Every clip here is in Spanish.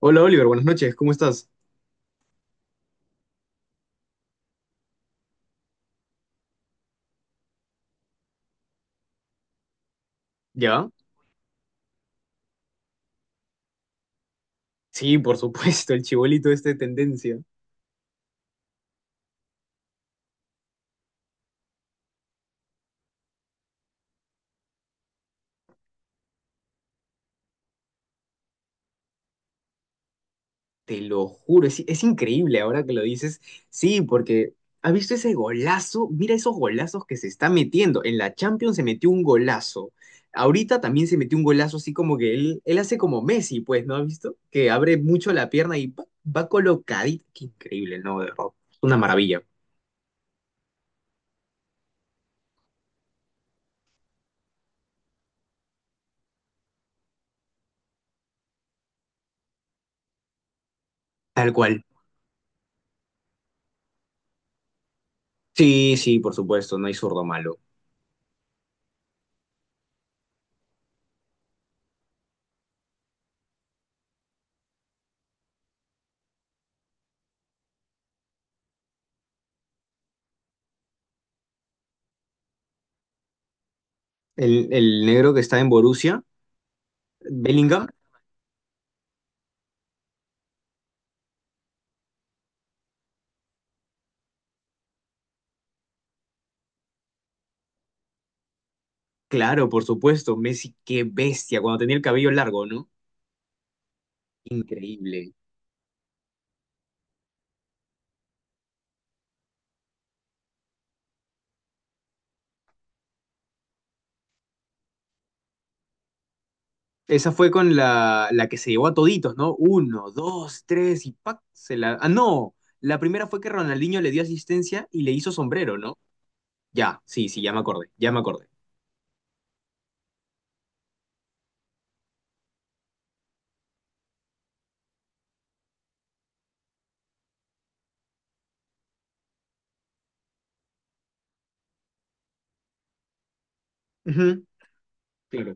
Hola Oliver, buenas noches, ¿cómo estás? ¿Ya? Sí, por supuesto, el chibolito este de tendencia. Te lo juro, es increíble ahora que lo dices. Sí, porque ¿has visto ese golazo? Mira esos golazos que se está metiendo. En la Champions se metió un golazo. Ahorita también se metió un golazo así como que él hace como Messi, pues, ¿no has visto? Que abre mucho la pierna y pa, va colocadito. Qué increíble, ¿no? De verdad. Una maravilla. Tal cual. Sí, sí, por supuesto, no hay zurdo malo. El negro que está en Borussia, Bellingham. Claro, por supuesto, Messi, qué bestia, cuando tenía el cabello largo, ¿no? Increíble. Esa fue con la que se llevó a toditos, ¿no? Uno, dos, tres y ¡pac! Se la. Ah, no, la primera fue que Ronaldinho le dio asistencia y le hizo sombrero, ¿no? Ya, sí, sí, ya me acordé, ya me acordé. Ujú, claro.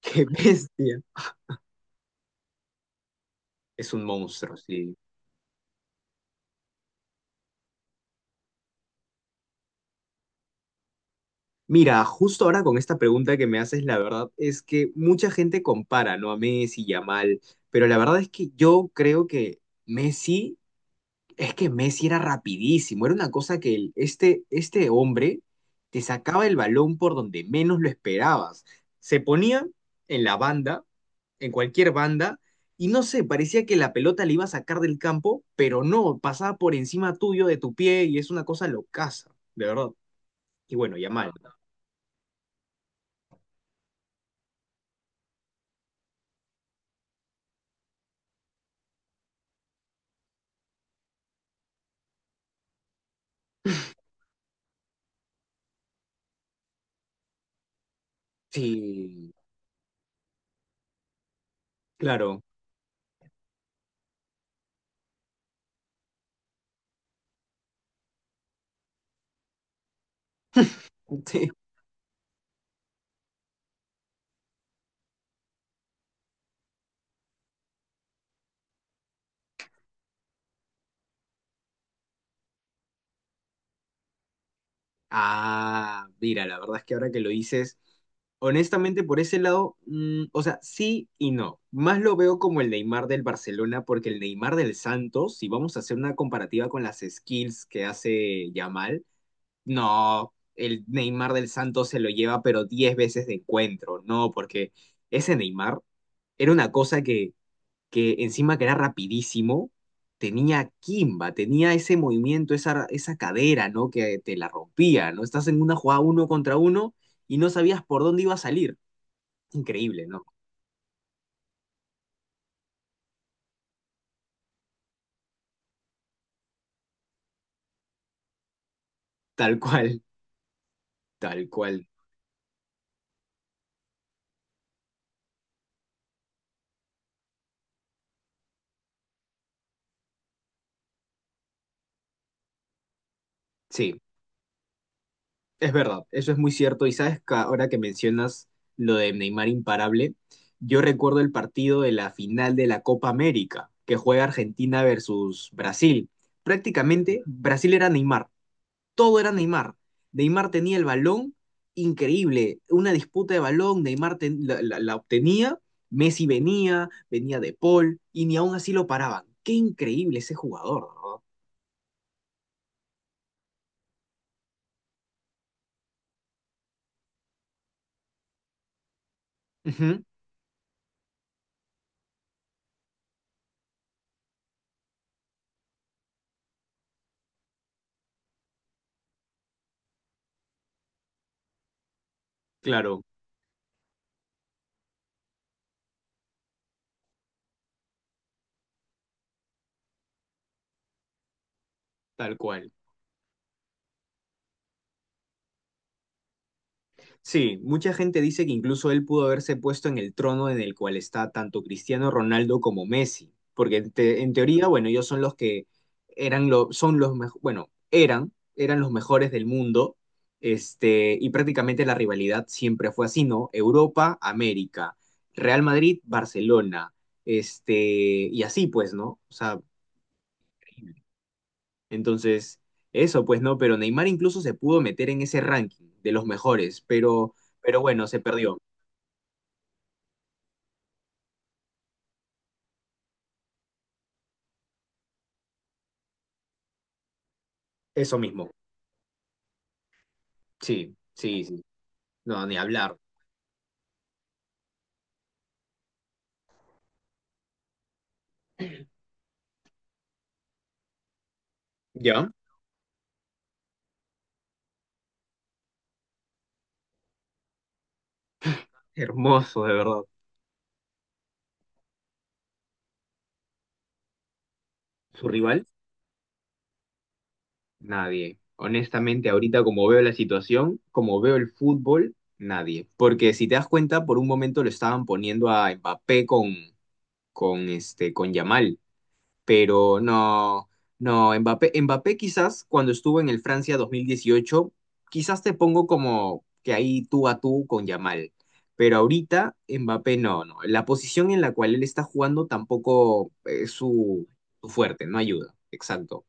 Qué bestia. Es un monstruo, sí. Mira, justo ahora con esta pregunta que me haces, la verdad es que mucha gente compara, ¿no? A Messi y a Mal, pero la verdad es que yo creo que Messi. Es que Messi era rapidísimo, era una cosa que este hombre te sacaba el balón por donde menos lo esperabas. Se ponía en la banda, en cualquier banda, y no sé, parecía que la pelota le iba a sacar del campo, pero no, pasaba por encima tuyo, de tu pie, y es una cosa locaza, de verdad. Y bueno, Yamal. Sí, claro. Ah, mira, la verdad es que ahora que lo dices, honestamente por ese lado, o sea, sí y no. Más lo veo como el Neymar del Barcelona, porque el Neymar del Santos, si vamos a hacer una comparativa con las skills que hace Yamal, no, el Neymar del Santos se lo lleva pero 10 veces de encuentro, no, porque ese Neymar era una cosa que encima que era rapidísimo, tenía Kimba, tenía ese movimiento, esa cadera, ¿no? Que te la rompía, ¿no? Estás en una jugada uno contra uno y no sabías por dónde iba a salir. Increíble, ¿no? Tal cual, tal cual. Sí, es verdad, eso es muy cierto. Y sabes que ahora que mencionas lo de Neymar imparable, yo recuerdo el partido de la final de la Copa América, que juega Argentina versus Brasil. Prácticamente Brasil era Neymar. Todo era Neymar. Neymar tenía el balón, increíble, una disputa de balón, Neymar la obtenía, Messi venía, venía de Paul, y ni aún así lo paraban. Qué increíble ese jugador, ¿no? Ujú, claro, tal cual. Sí, mucha gente dice que incluso él pudo haberse puesto en el trono en el cual está tanto Cristiano Ronaldo como Messi, porque en teoría, bueno, ellos son los que eran bueno, eran, eran los mejores del mundo, este, y prácticamente la rivalidad siempre fue así, ¿no? Europa, América, Real Madrid, Barcelona, este, y así pues, ¿no? O sea, entonces, eso pues, ¿no? Pero Neymar incluso se pudo meter en ese ranking de los mejores, pero bueno, se perdió. Eso mismo. Sí, sí, sí. No, ni hablar. ¿Ya? Hermoso, de verdad. ¿Su rival? Nadie. Honestamente, ahorita como veo la situación, como veo el fútbol, nadie. Porque si te das cuenta, por un momento lo estaban poniendo a Mbappé con, con Yamal. Pero no, no, Mbappé quizás cuando estuvo en el Francia 2018 quizás te pongo como que ahí tú a tú con Yamal, pero ahorita Mbappé no, no, la posición en la cual él está jugando tampoco es su, su fuerte, no ayuda, exacto,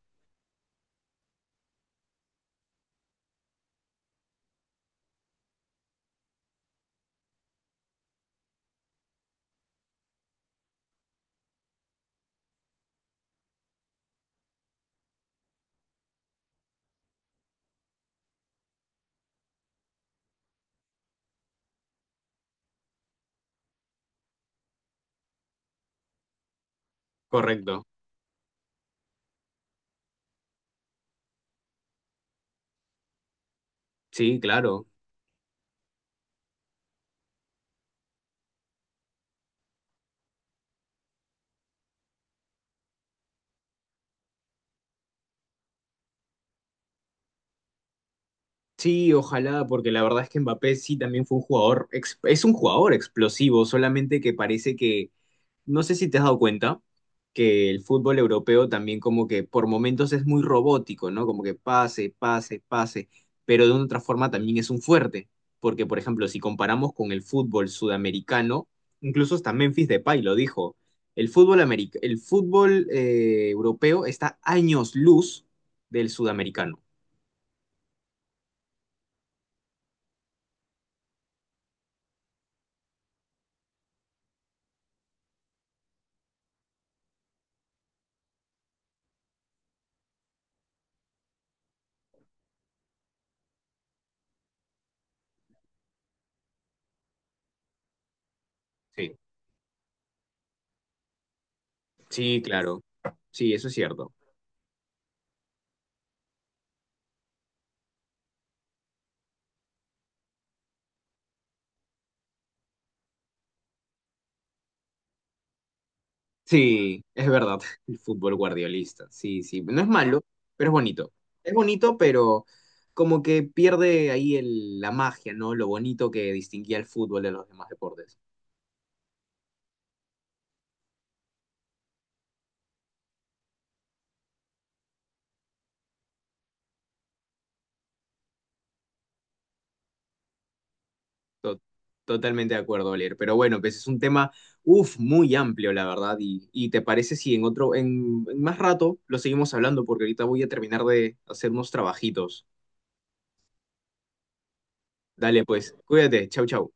correcto, sí, claro. Sí, ojalá, porque la verdad es que Mbappé sí también fue un jugador, es un jugador explosivo, solamente que parece que. No sé si te has dado cuenta que el fútbol europeo también como que por momentos es muy robótico, ¿no? Como que pase, pase, pase, pero de una otra forma también es un fuerte, porque por ejemplo, si comparamos con el fútbol sudamericano, incluso hasta Memphis Depay lo dijo, el fútbol europeo está años luz del sudamericano. Sí. Sí, claro. Sí, eso es cierto. Sí, es verdad, el fútbol guardiolista, sí, sí, no es malo, pero es bonito. Es bonito, pero como que pierde ahí la magia, ¿no? Lo bonito que distinguía el fútbol de los demás deportes. To- totalmente de acuerdo, Oliver. Pero bueno, pues es un tema, uff, muy amplio, la verdad. Y te parece si en otro, en más rato lo seguimos hablando, porque ahorita voy a terminar de hacer unos trabajitos. Dale, pues, cuídate, chau, chau.